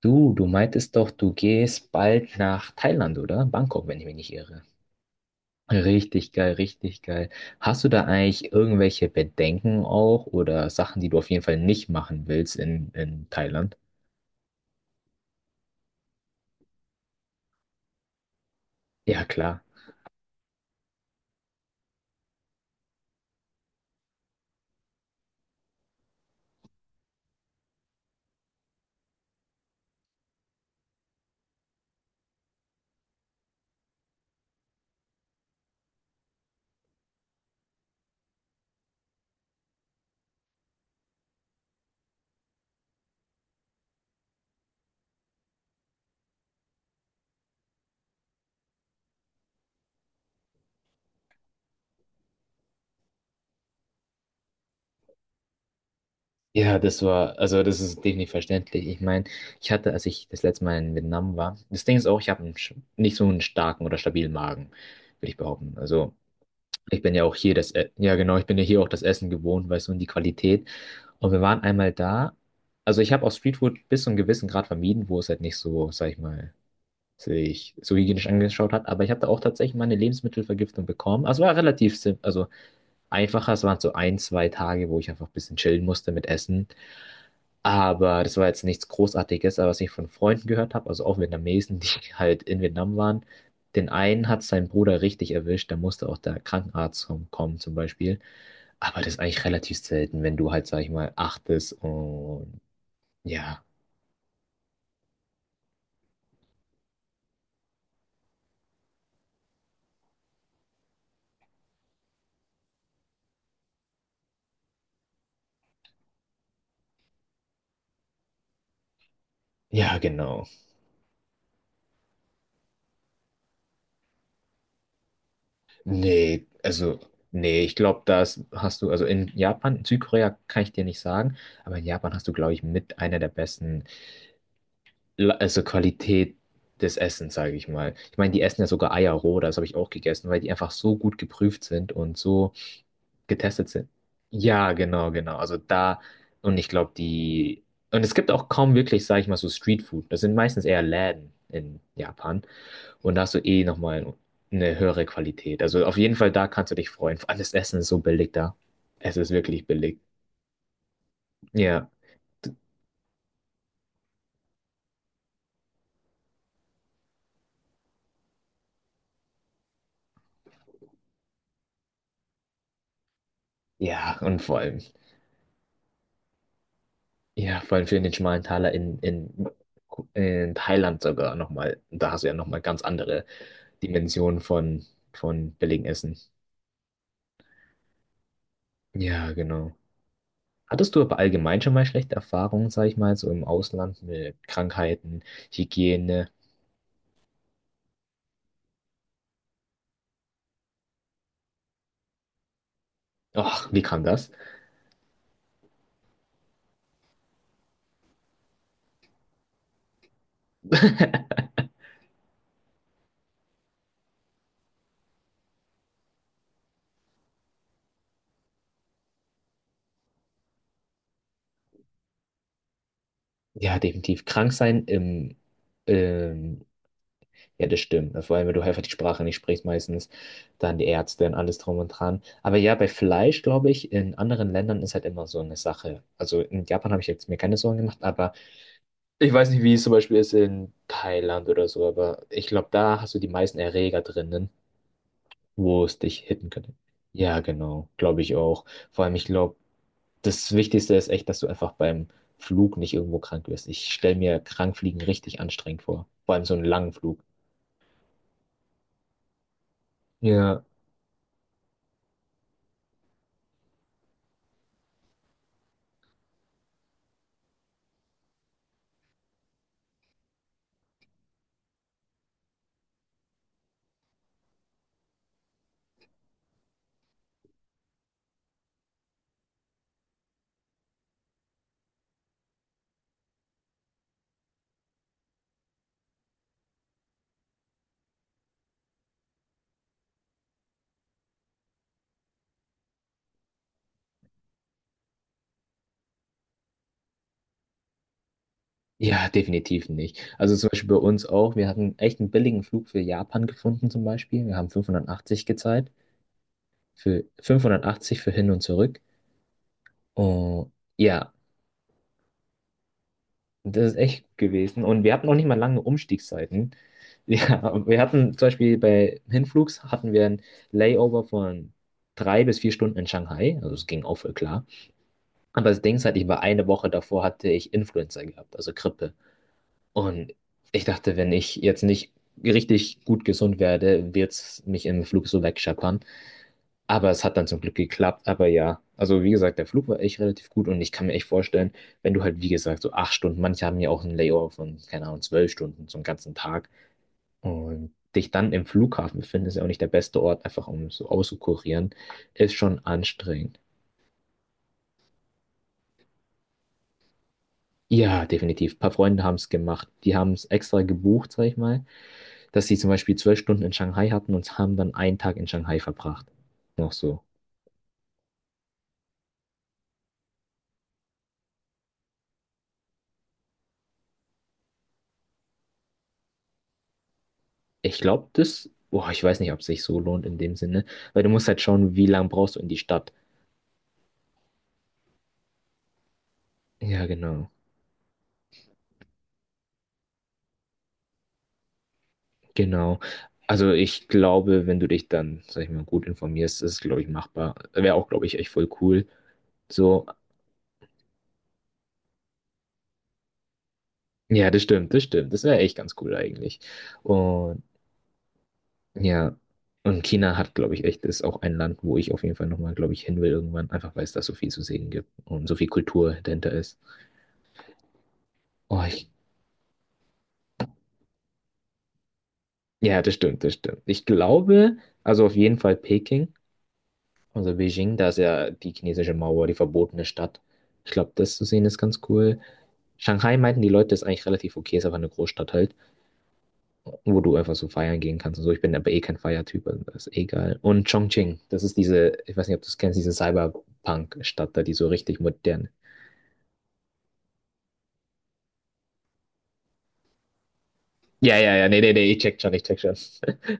Du meintest doch, du gehst bald nach Thailand, oder? Bangkok, wenn ich mich nicht irre. Richtig geil, richtig geil. Hast du da eigentlich irgendwelche Bedenken auch oder Sachen, die du auf jeden Fall nicht machen willst in Thailand? Ja, klar. Ja, das war, also das ist definitiv verständlich. Ich meine, ich hatte, als ich das letzte Mal in Vietnam war, das Ding ist auch, ich habe nicht so einen starken oder stabilen Magen, würde ich behaupten. Also ich bin ja auch hier ja genau, ich bin ja hier auch das Essen gewohnt, weißt du, und die Qualität. Und wir waren einmal da. Also ich habe auch Streetfood bis zu einem gewissen Grad vermieden, wo es halt nicht so, sag ich mal, sich so hygienisch angeschaut hat. Aber ich habe da auch tatsächlich mal eine Lebensmittelvergiftung bekommen. Also war relativ simpel, also einfacher. Es waren so ein, zwei Tage, wo ich einfach ein bisschen chillen musste mit Essen. Aber das war jetzt nichts Großartiges, aber was ich von Freunden gehört habe, also auch Vietnamesen, die halt in Vietnam waren, den einen hat sein Bruder richtig erwischt, da musste auch der Krankenarzt kommen zum Beispiel. Aber das ist eigentlich relativ selten, wenn du halt, sag ich mal, achtest und ja, ja, genau. Nee, also, nee, ich glaube, das hast du, also in Japan, in Südkorea kann ich dir nicht sagen, aber in Japan hast du, glaube ich, mit einer der besten also Qualität des Essens, sage ich mal. Ich meine, die essen ja sogar Eier roh, das habe ich auch gegessen, weil die einfach so gut geprüft sind und so getestet sind. Ja, genau, genau. Also da, und ich glaube, die, und es gibt auch kaum wirklich, sage ich mal, so Streetfood. Das sind meistens eher Läden in Japan. Und da hast du eh nochmal eine höhere Qualität. Also auf jeden Fall, da kannst du dich freuen. Vor allem das Essen ist so billig da. Es ist wirklich billig. Ja, ja, und vor allem. Ja, vor allem für den schmalen Taler in Thailand sogar nochmal. Da hast du ja nochmal ganz andere Dimensionen von billigem Essen. Ja, genau. Hattest du aber allgemein schon mal schlechte Erfahrungen, sag ich mal, so im Ausland mit Krankheiten, Hygiene? Och, wie kam das? Ja, definitiv. Krank sein im, ähm, ja, das stimmt. Vor allem, wenn du einfach die Sprache nicht sprichst, meistens dann die Ärzte und alles drum und dran. Aber ja, bei Fleisch, glaube ich, in anderen Ländern ist halt immer so eine Sache. Also in Japan habe ich jetzt mir keine Sorgen gemacht, aber ich weiß nicht, wie es zum Beispiel ist in Thailand oder so, aber ich glaube, da hast du die meisten Erreger drinnen, wo es dich hitten könnte. Ja, genau, glaube ich auch. Vor allem, ich glaube, das Wichtigste ist echt, dass du einfach beim Flug nicht irgendwo krank wirst. Ich stelle mir Krankfliegen richtig anstrengend vor. Vor allem so einen langen Flug. Ja. Ja, definitiv nicht. Also zum Beispiel bei uns auch. Wir hatten echt einen billigen Flug für Japan gefunden zum Beispiel. Wir haben 580 gezahlt. Für 580 für hin und zurück. Und ja, das ist echt gut gewesen. Und wir hatten auch nicht mal lange Umstiegszeiten. Ja, wir hatten zum Beispiel bei Hinflugs hatten wir ein Layover von 3 bis 4 Stunden in Shanghai. Also es ging auch voll klar. Aber das Ding ist halt, ich war eine Woche davor hatte ich Influenza gehabt, also Grippe. Und ich dachte, wenn ich jetzt nicht richtig gut gesund werde, wird es mich im Flug so wegscheppern. Aber es hat dann zum Glück geklappt. Aber ja, also wie gesagt, der Flug war echt relativ gut und ich kann mir echt vorstellen, wenn du halt, wie gesagt, so 8 Stunden, manche haben ja auch einen Layover von, keine Ahnung, 12 Stunden, so einen ganzen Tag. Und dich dann im Flughafen befinden, ist ja auch nicht der beste Ort, einfach um so auszukurieren, ist schon anstrengend. Ja, definitiv. Ein paar Freunde haben es gemacht. Die haben es extra gebucht, sag ich mal dass sie zum Beispiel 12 Stunden in Shanghai hatten und haben dann einen Tag in Shanghai verbracht. Noch so. Ich glaube, das, boah, ich weiß nicht, ob es sich so lohnt in dem Sinne, weil du musst halt schauen, wie lange brauchst du in die Stadt. Ja, genau, genau. Also ich glaube, wenn du dich dann, sag ich mal, gut informierst, ist es, glaube ich, machbar. Wäre auch, glaube ich, echt voll cool. So, ja, das stimmt, das stimmt. Das wäre echt ganz cool eigentlich. Und ja, und China hat, glaube ich, echt, ist auch ein Land, wo ich auf jeden Fall nochmal, glaube ich, hin will irgendwann, einfach weil es da so viel zu sehen gibt und so viel Kultur dahinter ist. Oh, ich, ja, das stimmt, das stimmt. Ich glaube, also auf jeden Fall Peking, also Beijing, da ist ja die chinesische Mauer, die verbotene Stadt. Ich glaube, das zu sehen ist ganz cool. Shanghai meinten die Leute, ist eigentlich relativ okay, ist einfach eine Großstadt halt, wo du einfach so feiern gehen kannst und so. Ich bin aber eh kein Feiertyp, also das ist eh egal. Und Chongqing, das ist diese, ich weiß nicht, ob du es kennst, diese Cyberpunk-Stadt da, die so richtig modern. Ja, ja, ja, nee, nee, nee, ich check schon, ich check schon.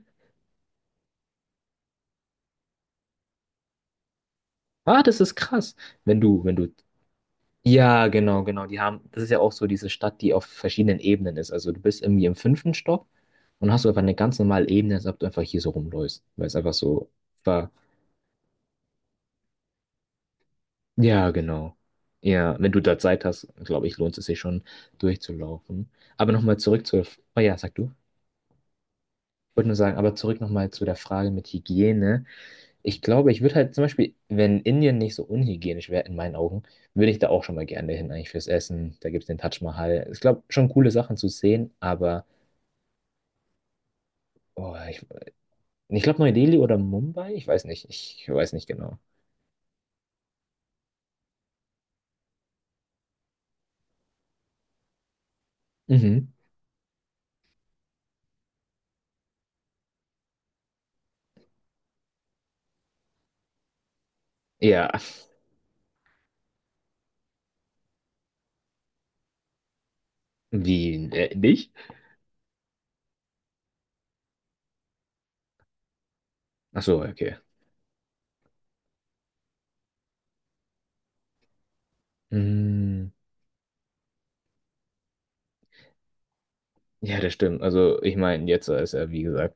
Ah, das ist krass. Wenn du, wenn du. Ja, genau, genau. Die haben, das ist ja auch so diese Stadt, die auf verschiedenen Ebenen ist. Also du bist irgendwie im fünften Stock und hast du einfach eine ganz normale Ebene, als ob du einfach hier so rumläufst. Weil es einfach so war. Ja, genau. Ja, wenn du da Zeit hast, glaube ich, lohnt es sich schon durchzulaufen. Aber nochmal zurück zur. Oh ja, sag du. Ich wollte nur sagen, aber zurück nochmal zu der Frage mit Hygiene. Ich glaube, ich würde halt zum Beispiel, wenn Indien nicht so unhygienisch wäre, in meinen Augen, würde ich da auch schon mal gerne hin, eigentlich fürs Essen. Da gibt es den Taj Mahal. Ich glaube, schon coole Sachen zu sehen, aber oh, ich glaube, Neu-Delhi oder Mumbai? Ich weiß nicht. Ich weiß nicht genau. Mhm. Ja. Wie, nicht? Ach so, okay. Mm. Ja, das stimmt. Also ich meine, jetzt ist ja, wie gesagt,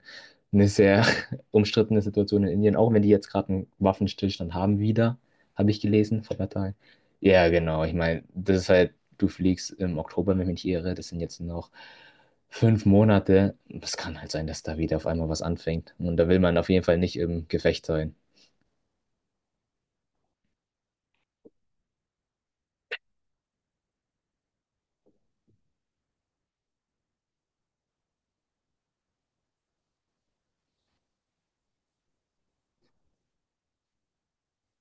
eine sehr umstrittene Situation in Indien, auch wenn die jetzt gerade einen Waffenstillstand haben wieder, habe ich gelesen vor ein paar Tagen. Ja, genau. Ich meine, das ist halt, du fliegst im Oktober, wenn ich mich nicht irre, das sind jetzt noch 5 Monate. Es kann halt sein, dass da wieder auf einmal was anfängt. Und da will man auf jeden Fall nicht im Gefecht sein.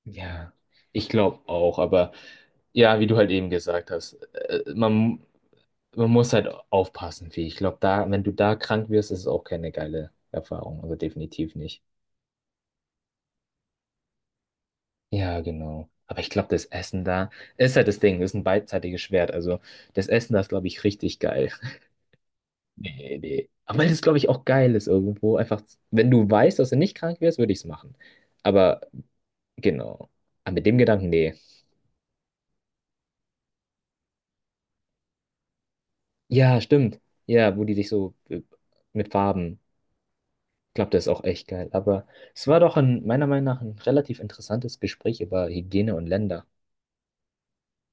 Ja, ich glaube auch, aber ja, wie du halt eben gesagt hast, man, man muss halt aufpassen, wie ich glaube, da, wenn du da krank wirst, ist es auch keine geile Erfahrung. Also definitiv nicht. Ja, genau. Aber ich glaube, das Essen da ist halt das Ding, ist ein beidseitiges Schwert. Also das Essen da ist, glaube ich, richtig geil. Nee, nee. Aber das ist, glaube ich, auch geil ist irgendwo. Einfach, wenn du weißt, dass du nicht krank wirst, würde ich es machen. Aber genau. Aber mit dem Gedanken, nee. Ja, stimmt. Ja, wo die sich so mit Farben. Ich glaube, der ist auch echt geil. Aber es war doch ein, meiner Meinung nach ein relativ interessantes Gespräch über Hygiene und Länder.